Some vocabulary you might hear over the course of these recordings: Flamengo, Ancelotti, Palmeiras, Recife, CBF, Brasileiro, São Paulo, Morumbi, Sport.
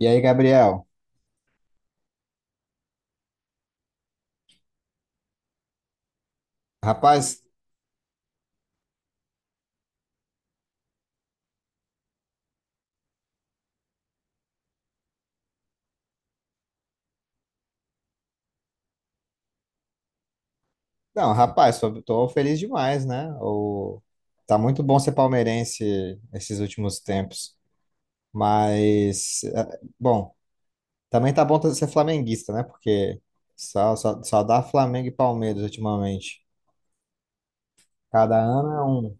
E aí, Gabriel? Rapaz, não, rapaz, tô feliz demais, né? Tá muito bom ser palmeirense esses últimos tempos. Mas, bom, também tá bom ser flamenguista, né? Porque só dá Flamengo e Palmeiras ultimamente. Cada ano é um.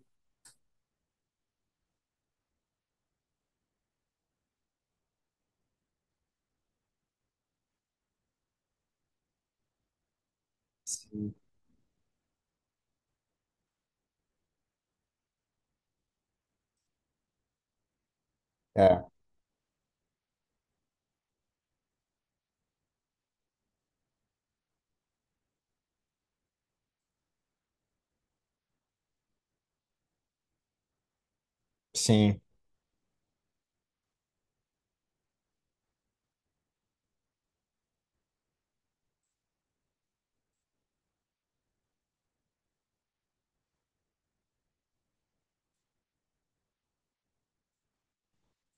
Sim. É, sim.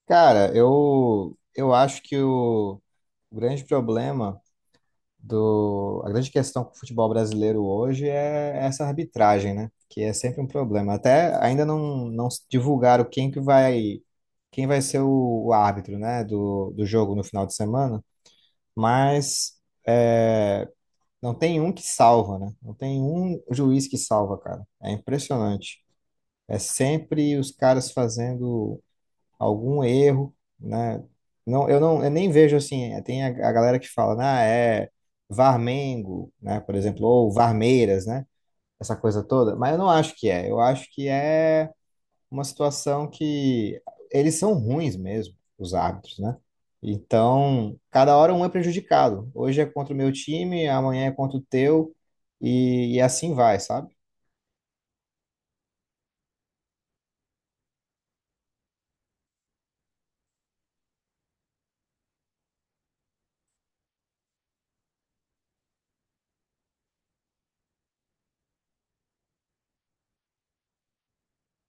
Cara, eu acho que o grande problema. A grande questão com o futebol brasileiro hoje é essa arbitragem, né? Que é sempre um problema. Até ainda não divulgaram quem vai ser o árbitro, né? Do jogo no final de semana, mas é, não tem um que salva, né? Não tem um juiz que salva, cara. É impressionante. É sempre os caras fazendo algum erro, né? Não, eu nem vejo assim, tem a galera que fala, ah, é Varmengo, né, por exemplo, ou Varmeiras, né? Essa coisa toda, mas eu não acho que é. Eu acho que é uma situação que eles são ruins mesmo, os árbitros, né? Então, cada hora um é prejudicado. Hoje é contra o meu time, amanhã é contra o teu, e assim vai, sabe?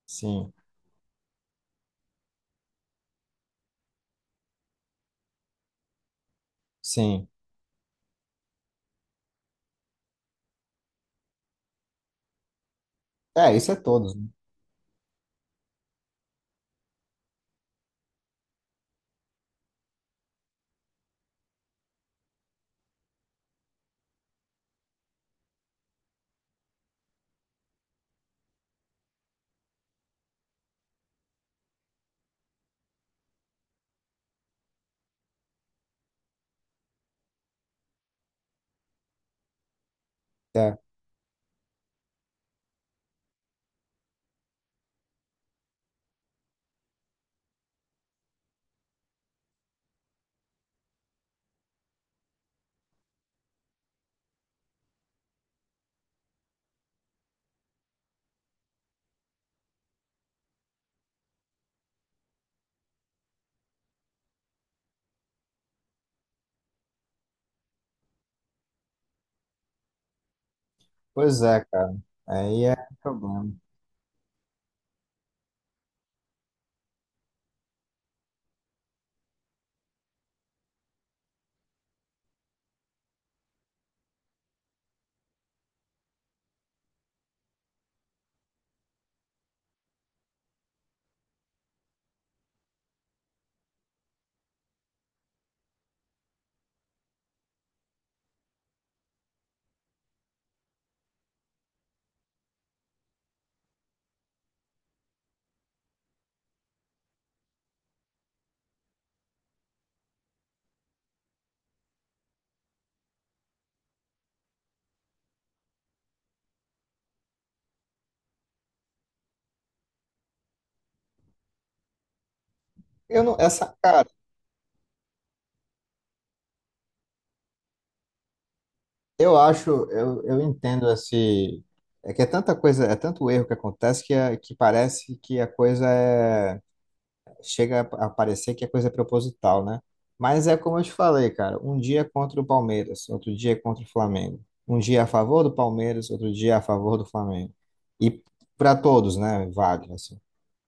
Sim, sim. É, isso é todos. Né? É. Pois é, cara. Aí é problema. Eu não, essa, cara, eu acho, eu entendo esse. É que é tanta coisa, é tanto erro que acontece que, que parece que a coisa é. Chega a parecer que a coisa é proposital, né? Mas é como eu te falei, cara, um dia é contra o Palmeiras, outro dia é contra o Flamengo. Um dia é a favor do Palmeiras, outro dia é a favor do Flamengo. E para todos, né? Vale, assim.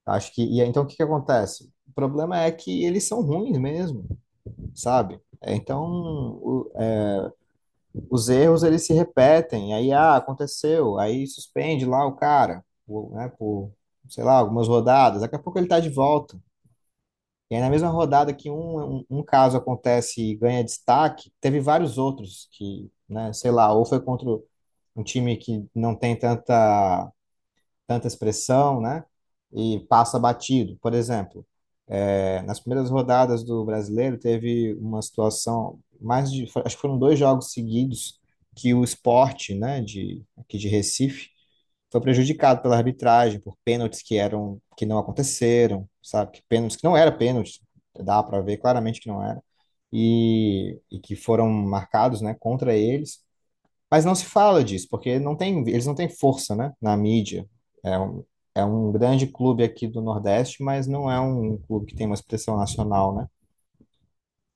Acho que. E aí, então o que que acontece? O problema é que eles são ruins mesmo, sabe? É, então, os erros eles se repetem, aí ah, aconteceu, aí suspende lá o cara, por, né, por, sei lá, algumas rodadas, daqui a pouco ele tá de volta. E aí na mesma rodada que um caso acontece e ganha destaque, teve vários outros que, né, sei lá, ou foi contra um time que não tem tanta expressão, né, e passa batido, por exemplo. É, nas primeiras rodadas do Brasileiro, teve uma situação mais de, acho que foram dois jogos seguidos que o Sport, né, de aqui de Recife, foi prejudicado pela arbitragem por pênaltis que eram que não aconteceram, sabe? Que pênaltis que não era pênalti, dá para ver claramente que não era e que foram marcados, né, contra eles. Mas não se fala disso, porque não tem, eles não têm força, né, na mídia. É um, É um grande clube aqui do Nordeste, mas não é um clube que tem uma expressão nacional, né?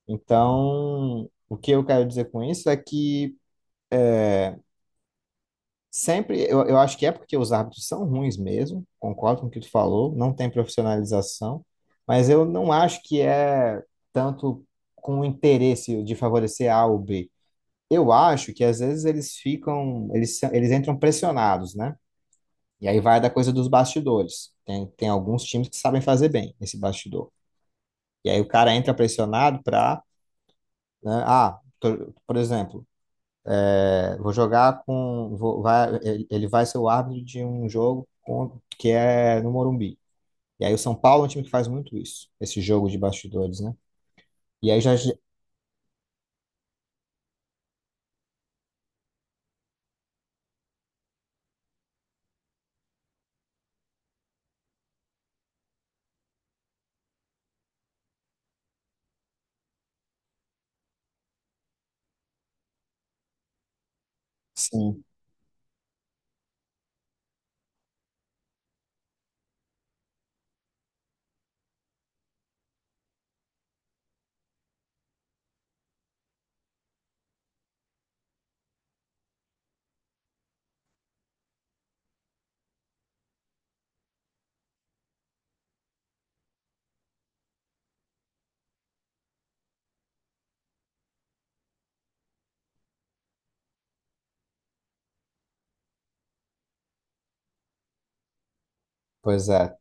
Então, o que eu quero dizer com isso é que sempre, eu acho que é porque os árbitros são ruins mesmo, concordo com o que tu falou, não tem profissionalização, mas eu não acho que é tanto com o interesse de favorecer A ou B. Eu acho que às vezes eles ficam, eles entram pressionados, né? E aí vai da coisa dos bastidores. Tem alguns times que sabem fazer bem esse bastidor. E aí o cara entra pressionado para, né, por exemplo, é, vou jogar com, vou- vai, ele vai ser o árbitro de um jogo que é no Morumbi. E aí o São Paulo é um time que faz muito isso, esse jogo de bastidores, né? E aí já, sim, pois é,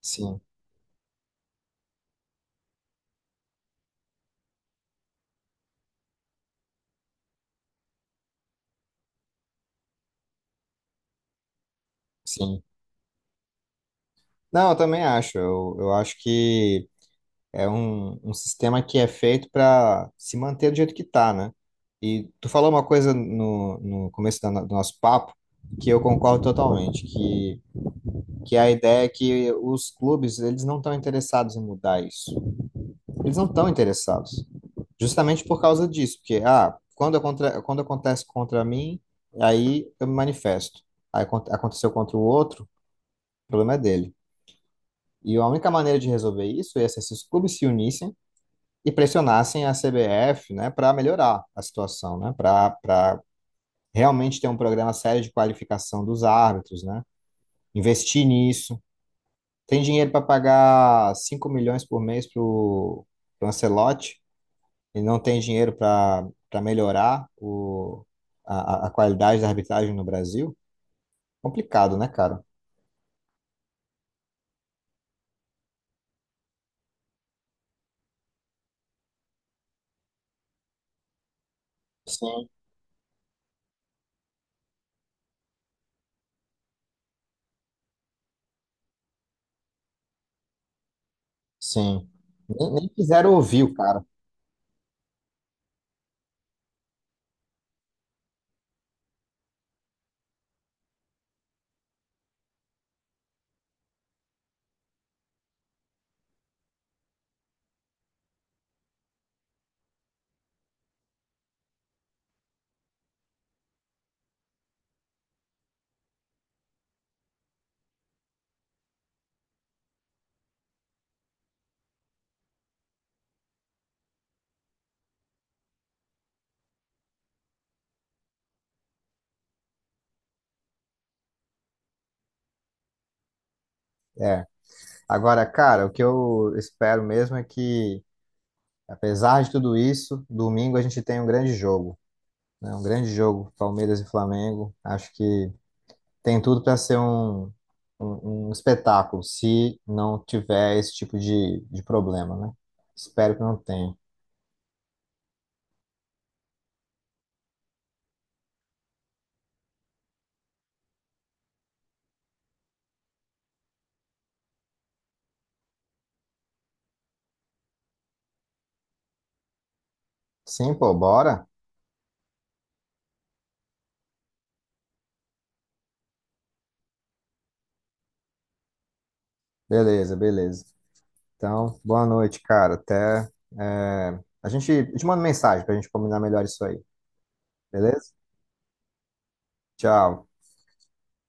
sim, sim. Não, eu também acho. Eu acho que é um sistema que é feito para se manter do jeito que tá, né? E tu falou uma coisa no começo da do nosso papo que eu concordo totalmente, que a ideia é que os clubes, eles não estão interessados em mudar isso. Eles não estão interessados. Justamente por causa disso, porque, ah, quando, quando acontece contra mim, aí eu me manifesto. Aí aconteceu contra o outro, o problema é dele. E a única maneira de resolver isso é se esses clubes se unissem e pressionassem a CBF, né, para melhorar a situação, né, para realmente ter um programa sério de qualificação dos árbitros, né, investir nisso. Tem dinheiro para pagar 5 milhões por mês para o Ancelotti e não tem dinheiro para melhorar a qualidade da arbitragem no Brasil? Complicado, né, cara? Sim. Sim. Nem quiseram ouvir o cara. É. Agora, cara, o que eu espero mesmo é que apesar de tudo isso, domingo a gente tem um grande jogo, né? Um grande jogo, Palmeiras e Flamengo. Acho que tem tudo para ser um espetáculo, se não tiver esse tipo de problema, né? Espero que não tenha. Sim, pô, bora? Beleza, beleza. Então, boa noite, cara. Até. É, a gente eu te manda mensagem para a gente combinar melhor isso aí, beleza? Tchau.